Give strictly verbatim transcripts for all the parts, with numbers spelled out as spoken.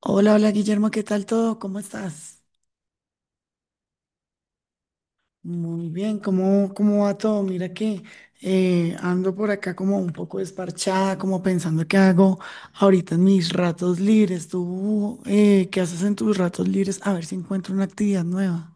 Hola, hola Guillermo, ¿qué tal todo? ¿Cómo estás? Muy bien, ¿cómo, cómo va todo? Mira que eh, ando por acá como un poco desparchada, como pensando qué hago ahorita en mis ratos libres. ¿Tú eh, qué haces en tus ratos libres? A ver si encuentro una actividad nueva.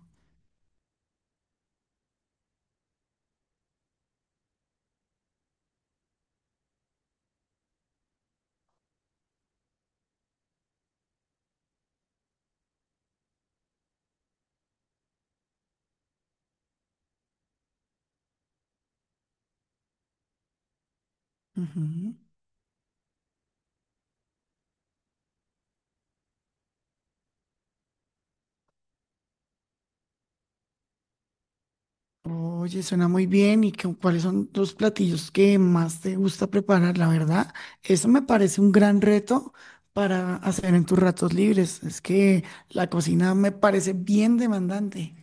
Ujú. Oye, suena muy bien. ¿Y qué- Cuáles son los platillos que más te gusta preparar? La verdad, eso me parece un gran reto para hacer en tus ratos libres. Es que la cocina me parece bien demandante.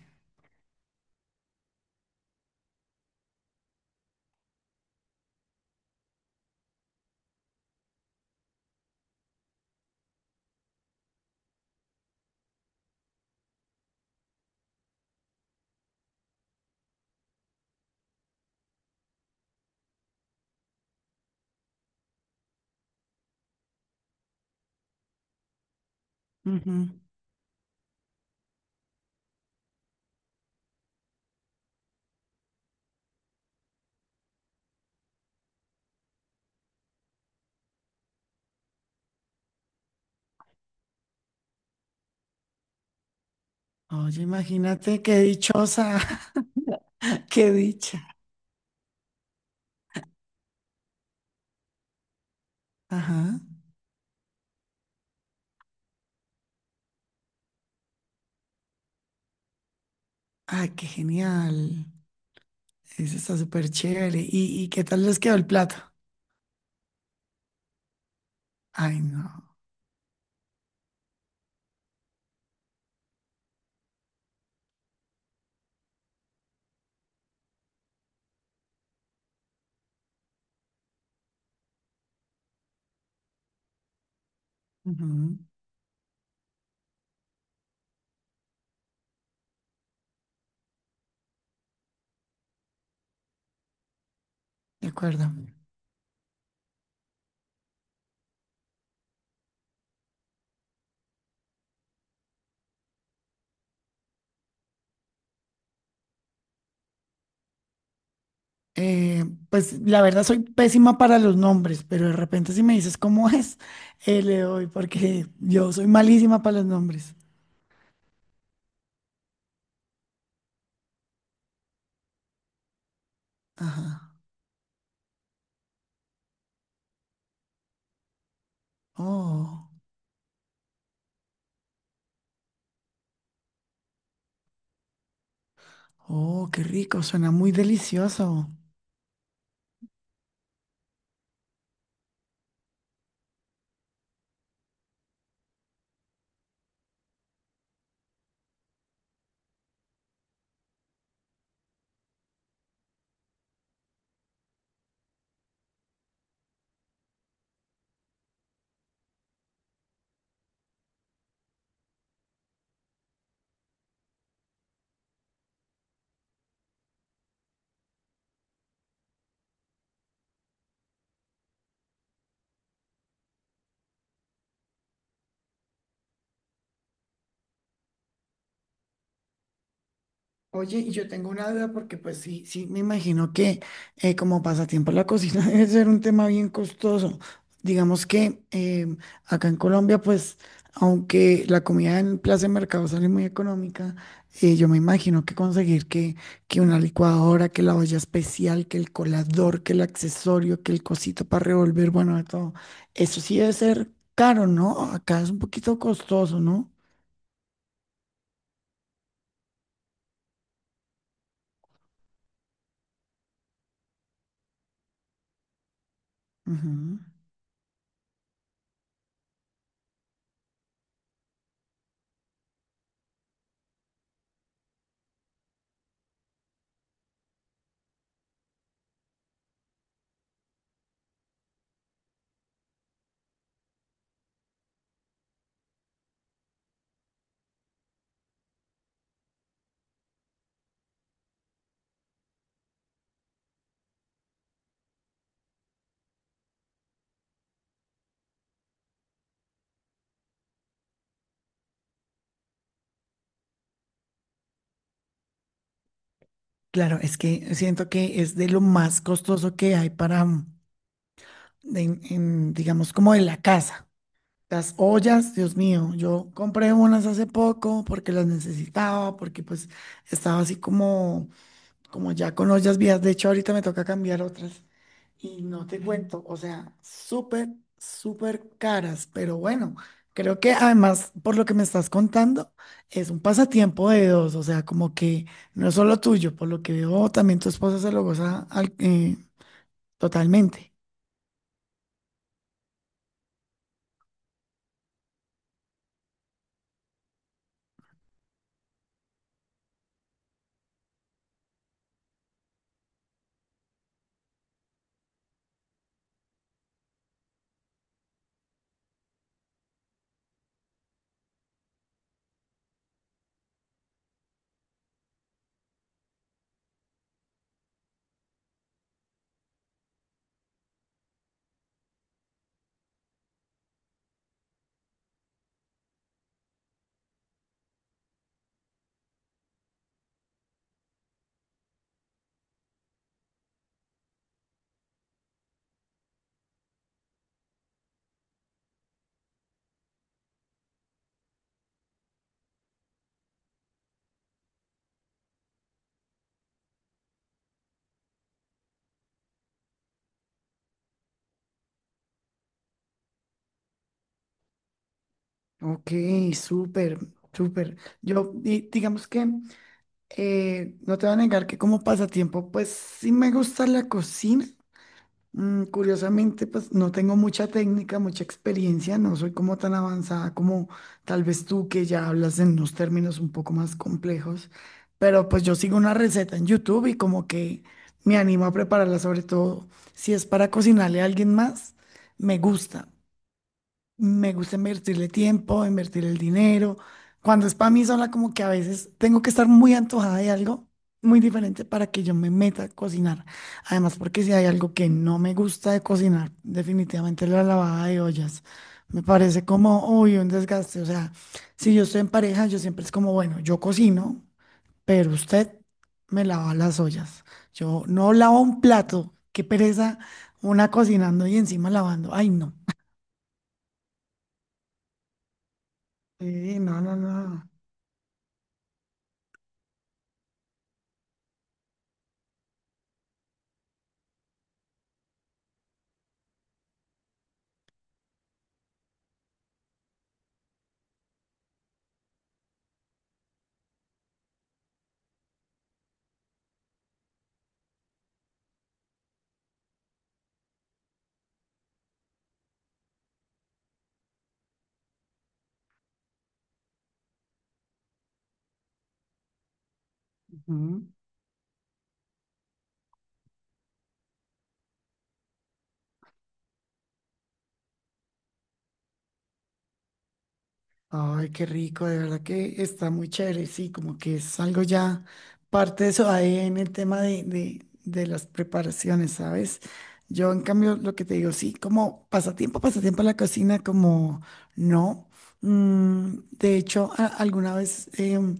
Ujú. Oye, imagínate qué dichosa, qué dicha. Ajá. Ay, qué genial. Eso está súper chévere. ¿Y, y qué tal les quedó el plato? Ay, no. Ujú. De acuerdo. Eh, pues la verdad soy pésima para los nombres, pero de repente si me dices cómo es, eh, le doy, porque yo soy malísima para los nombres. Ajá. Oh, oh, qué rico, suena muy delicioso. Oye, y yo tengo una duda porque pues sí, sí, me imagino que eh, como pasatiempo la cocina debe ser un tema bien costoso. Digamos que eh, acá en Colombia pues aunque la comida en plaza de mercado sale muy económica, eh, yo me imagino que conseguir que, que una licuadora, que la olla especial, que el colador, que el accesorio, que el cosito para revolver, bueno, de todo, eso sí debe ser caro, ¿no? Acá es un poquito costoso, no. Ujú. Claro, es que siento que es de lo más costoso que hay para, mm, en- en, digamos, como en la casa. Las ollas, Dios mío, yo compré unas hace poco porque las necesitaba, porque pues estaba así como como ya con las vías, de hecho ahorita me toca cambiar otras y no te cuento, o sea, súper, súper caras, pero bueno, creo que además por lo que me estás contando es un pasatiempo de dos, o sea, como que no es solo tuyo, por lo que veo también tu esposa se lo goza al- eh, totalmente. Ok, súper, súper. Yo di- digamos que eh, no te voy a negar que como pasatiempo, pues sí me gusta la cocina. Mm, curiosamente, pues no tengo mucha técnica, mucha experiencia, no soy como tan avanzada como tal vez tú que ya hablas en unos términos un poco más complejos, pero pues yo sigo una receta en YouTube y como que me animo a prepararla, sobre todo si es para cocinarle a alguien más, me gusta. Me gusta invertirle tiempo, invertir el dinero. Cuando es para mí sola, como que a veces tengo que estar muy antojada de algo muy diferente para que yo me meta a cocinar. Además, porque si hay algo que no me gusta de cocinar, definitivamente la lavada de ollas. Me parece como, uy, un desgaste. O sea, si yo estoy en pareja, yo siempre es como, bueno, yo cocino, pero usted me lava las ollas. Yo no lavo un plato. Qué pereza una cocinando y encima lavando. Ay, no. Sí, no, no, no. Mm. Ay, qué rico, de verdad que está muy chévere, sí, como que es algo ya parte de eso ahí en el tema de, de, de las preparaciones, ¿sabes? Yo, en cambio, lo que te digo, sí, como pasatiempo, pasatiempo a la cocina, como no. Mm, de hecho, a- alguna vez em,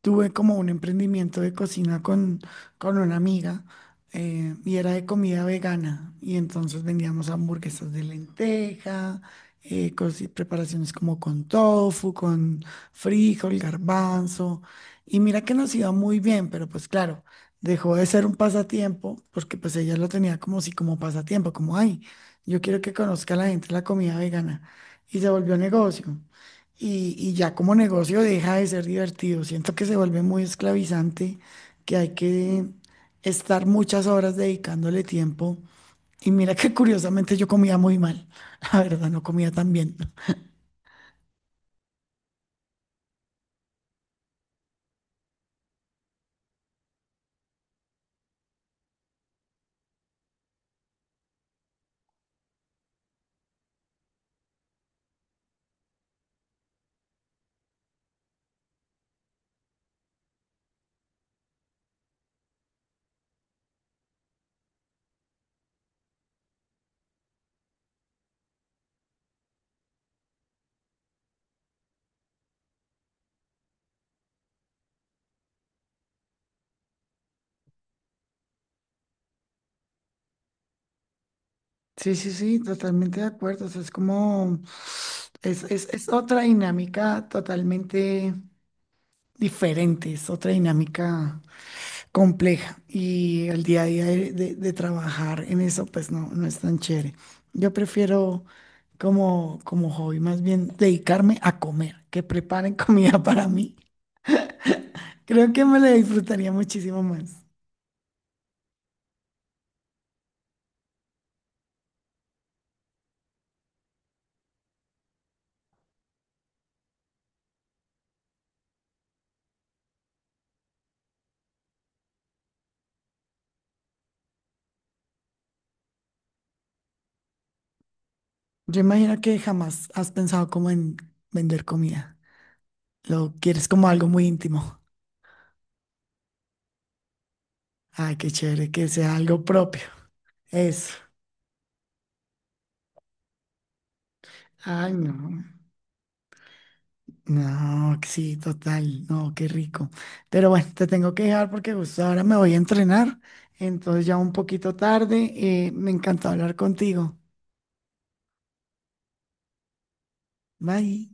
tuve como un emprendimiento de cocina con, con una amiga eh, y era de comida vegana y entonces vendíamos hamburguesas de lenteja, eh, cosi- preparaciones como con tofu, con frijol, garbanzo y mira que nos iba muy bien, pero pues claro, dejó de ser un pasatiempo porque pues ella lo tenía como si como pasatiempo, como ay, yo quiero que conozca la gente la comida vegana y se volvió negocio y, y ya como negocio deja de ser divertido. Siento que se vuelve muy esclavizante, que hay que estar muchas horas dedicándole tiempo. Y mira que curiosamente yo comía muy mal, la verdad, no comía tan bien. Sí, sí, sí, totalmente de acuerdo. O sea, es como, es, es, es otra dinámica totalmente diferente, es otra dinámica compleja y el día a día de, de- de trabajar en eso pues no, no es tan chévere. Yo prefiero como, como hobby más bien dedicarme a comer, que preparen comida para mí. Creo que me la disfrutaría muchísimo más. Yo imagino que jamás has pensado como en vender comida. Lo quieres como algo muy íntimo. Ay, qué chévere, que sea algo propio. Eso. Ay, no. No, sí, total, no, qué rico. Pero bueno, te tengo que dejar porque justo ahora me voy a entrenar, entonces ya un poquito tarde, eh, me encantó hablar contigo. Bye.